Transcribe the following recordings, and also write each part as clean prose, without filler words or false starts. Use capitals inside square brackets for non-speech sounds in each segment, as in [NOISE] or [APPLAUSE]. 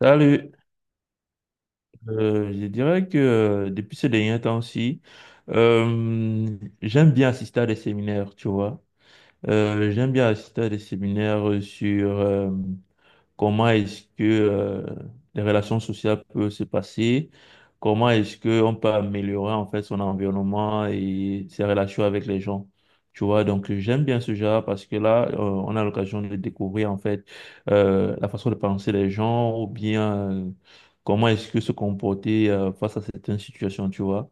Salut. Je dirais que depuis ces derniers temps-ci, j'aime bien assister à des séminaires, tu vois. J'aime bien assister à des séminaires sur comment est-ce que les relations sociales peuvent se passer? Comment est-ce qu'on peut améliorer en fait son environnement et ses relations avec les gens? Tu vois, donc j'aime bien ce genre parce que là, on a l'occasion de découvrir en fait, la façon de penser des gens ou bien comment est-ce que se comporter face à certaines situations, tu vois.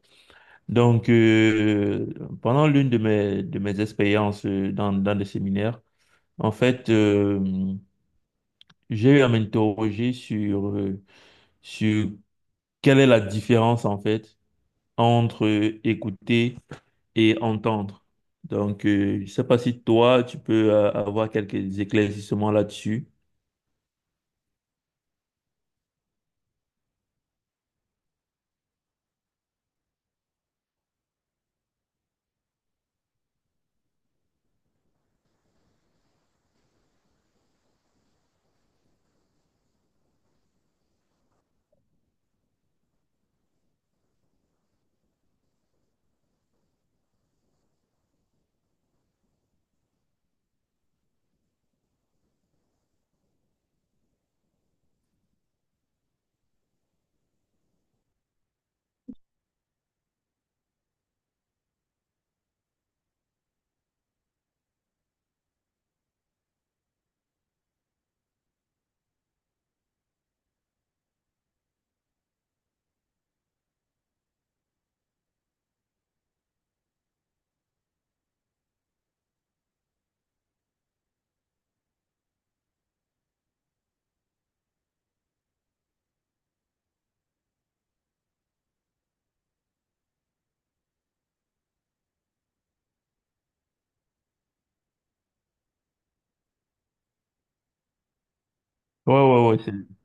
Donc, pendant l'une de mes expériences dans, dans des séminaires, en fait, j'ai eu à m'interroger sur quelle est la différence en fait entre écouter et entendre. Donc, je ne sais pas si toi, tu peux avoir quelques éclaircissements là-dessus. Ouais, ouais, ouais, c'est...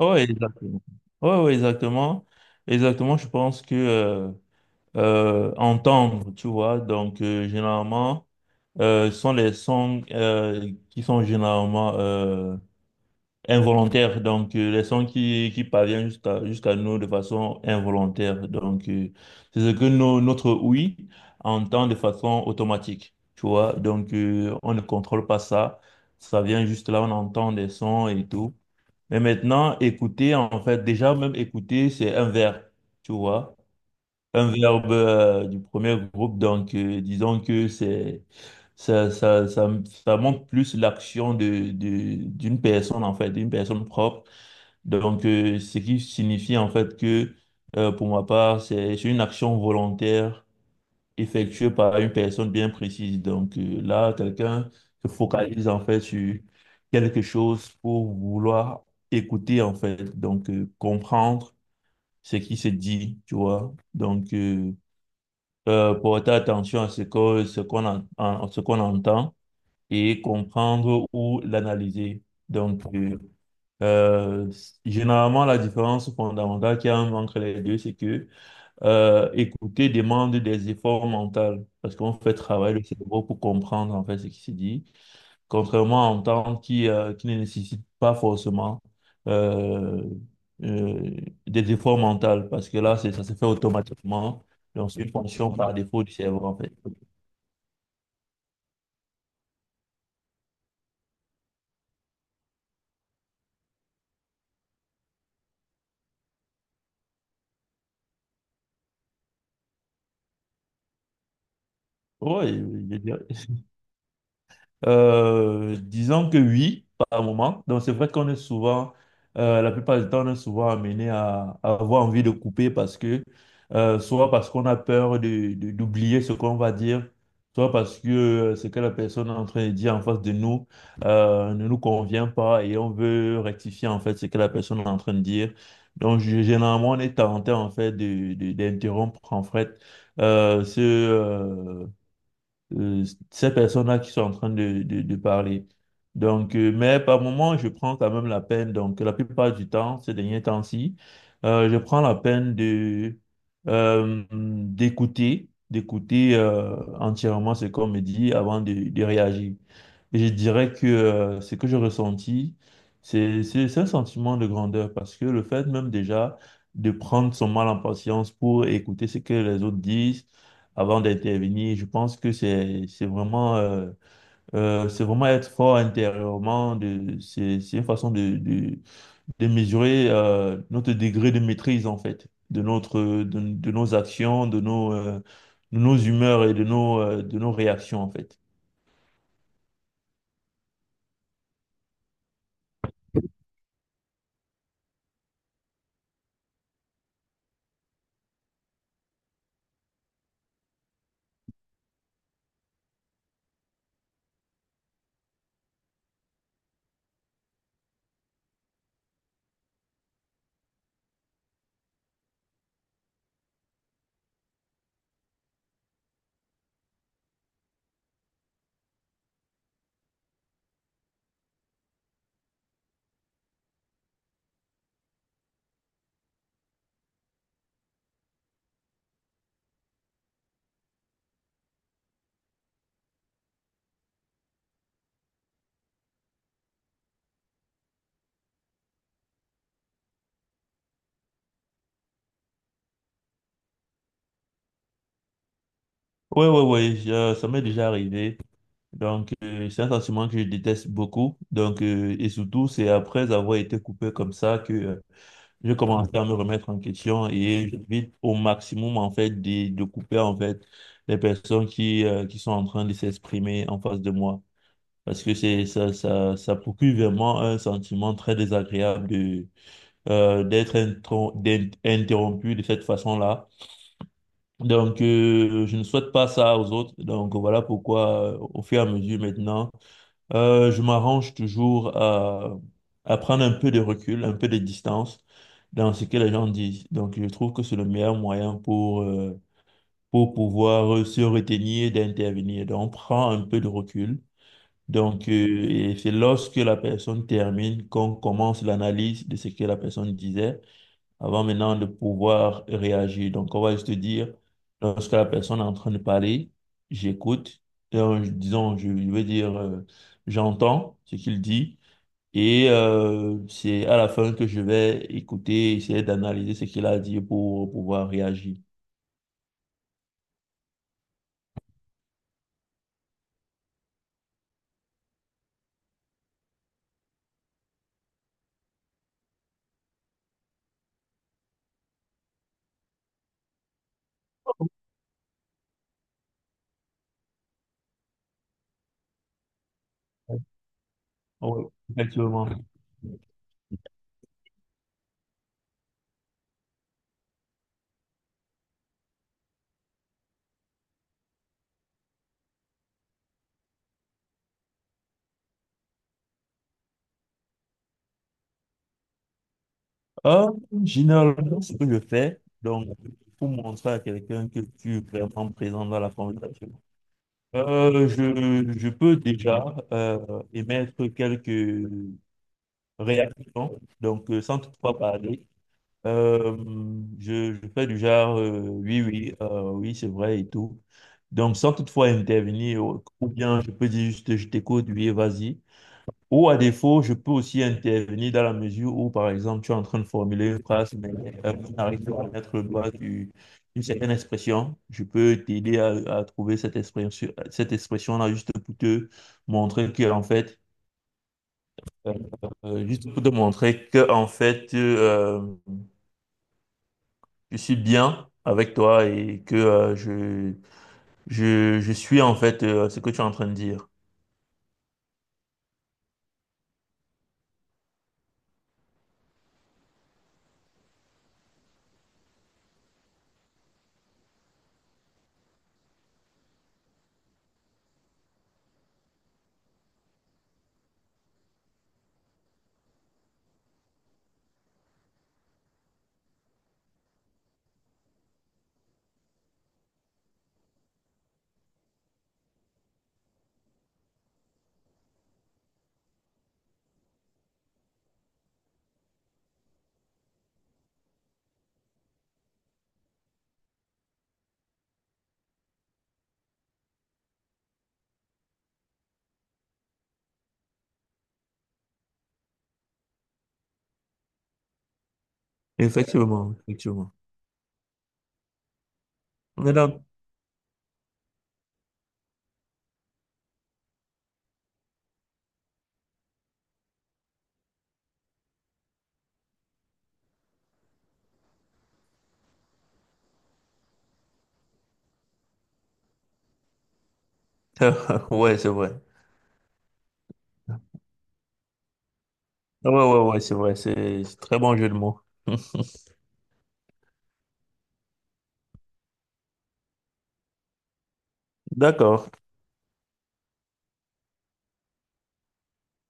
Ouais, exactement. Ouais, ouais, exactement. Exactement, je pense que entendre, tu vois, donc généralement, sont les sons qui sont généralement involontaire, donc les sons qui parviennent jusqu'à nous de façon involontaire. Donc, c'est ce que nos- notre oui entend de façon automatique, tu vois. Donc, on ne contrôle pas ça. Ça vient juste là, on entend des sons et tout. Mais maintenant, écouter, en fait, déjà même écouter, c'est un verbe, tu vois, un verbe du premier groupe, donc disons que c'est ça, ça, ça, ça montre plus l'action de, d'une personne en fait, d'une personne propre. Donc ce qui signifie en fait que pour ma part, c'est une action volontaire effectuée par une personne bien précise. Donc là, quelqu'un se focalise en fait sur quelque chose pour vouloir écouter en fait, donc comprendre ce qui se dit, tu vois. Donc, porter attention à ce que, ce qu'on en- en- ce qu'on entend et comprendre ou l'analyser. Donc, euh, Généralement, la différence fondamentale qu'il y a entre les deux, c'est que écouter demande des efforts mentaux parce qu'on fait travailler le cerveau pour comprendre en fait ce qui se dit, contrairement à un temps qui ne nécessite pas forcément euh, euh, des efforts mentaux, parce que là, c'est, ça se fait automatiquement. Donc, c'est une fonction par défaut du cerveau, en fait. Oui, je dirais. Disons que oui, par moment. Donc, c'est vrai qu'on est souvent, la plupart du temps, on est souvent amené à avoir envie de couper parce que, soit parce qu'on a peur de- d'oublier ce qu'on va dire, soit parce que ce que la personne est en train de dire en face de nous, ne nous convient pas et on veut rectifier, en fait, ce que la personne est en train de dire. Donc, généralement, on est tenté, en fait, de- d'interrompre, en fait, euh, ce, euh, euh, ces personnes-là qui sont en train de parler. Donc, mais par moment, je prends quand même la peine, donc la plupart du temps, ces derniers temps-ci, je prends la peine de d'écouter, d'écouter entièrement ce qu'on me dit avant de réagir. Et je dirais que ce que j'ai ressenti, c'est un sentiment de grandeur parce que le fait même déjà de prendre son mal en patience pour écouter ce que les autres disent, avant d'intervenir. Je pense que c'est vraiment c'est vraiment être fort intérieurement. De c'est une façon de mesurer notre degré de maîtrise en fait de notre de nos actions, de nos humeurs et de nos réactions en fait. Ouais, ouais, ouais, je- ça m'est déjà arrivé. Donc, c'est un sentiment que je déteste beaucoup. Donc, et surtout, c'est après avoir été coupé comme ça que je commencé à me remettre en question et j'évite au maximum en fait de couper en fait les personnes qui sont en train de s'exprimer en face de moi parce que c'est ça, ça procure vraiment un sentiment très désagréable de d'être intro- d'être interrompu de cette façon-là. Donc je ne souhaite pas ça aux autres. Donc voilà pourquoi au fur et à mesure maintenant je m'arrange toujours à prendre un peu de recul, un peu de distance dans ce que les gens disent. Donc, je trouve que c'est le meilleur moyen pour pouvoir se retenir d'intervenir. Donc, on prend un peu de recul. Donc, et c'est lorsque la personne termine qu'on commence l'analyse de ce que la personne disait avant maintenant de pouvoir réagir. Donc, on va juste dire, lorsque la personne est en train de parler, j'écoute. Et, disons, je veux dire, j'entends ce qu'il dit, et c'est à la fin que je vais écouter, essayer d'analyser ce qu'il a dit pour pouvoir réagir. Oui, effectivement. Euh, Généralement, ce que je fais, donc, pour montrer à quelqu'un que tu es vraiment présent dans la conversation, je peux déjà émettre quelques réactions, donc sans toutefois parler. Euh, je fais du genre, oui, oui, oui, c'est vrai et tout. Donc, sans toutefois intervenir, ou bien je peux dire juste, je t'écoute, oui, vas-y. Ou à défaut, je peux aussi intervenir dans la mesure où, par exemple, tu es en train de formuler une phrase, mais tu n'arrives pas à mettre le doigt du- d'une certaine expression. Je peux t'aider à trouver cette expression, cette expression-là juste pour te montrer que, en fait, euh, juste pour te montrer que, en fait, je suis bien avec toi et que je suis, en fait, ce que tu es en train de dire. Effectivement, effectivement. Mais non. [LAUGHS] ouais, c'est vrai. Ouais, ouais, ouais, c'est vrai, c'est très bon jeu de mots. [LAUGHS] D'accord.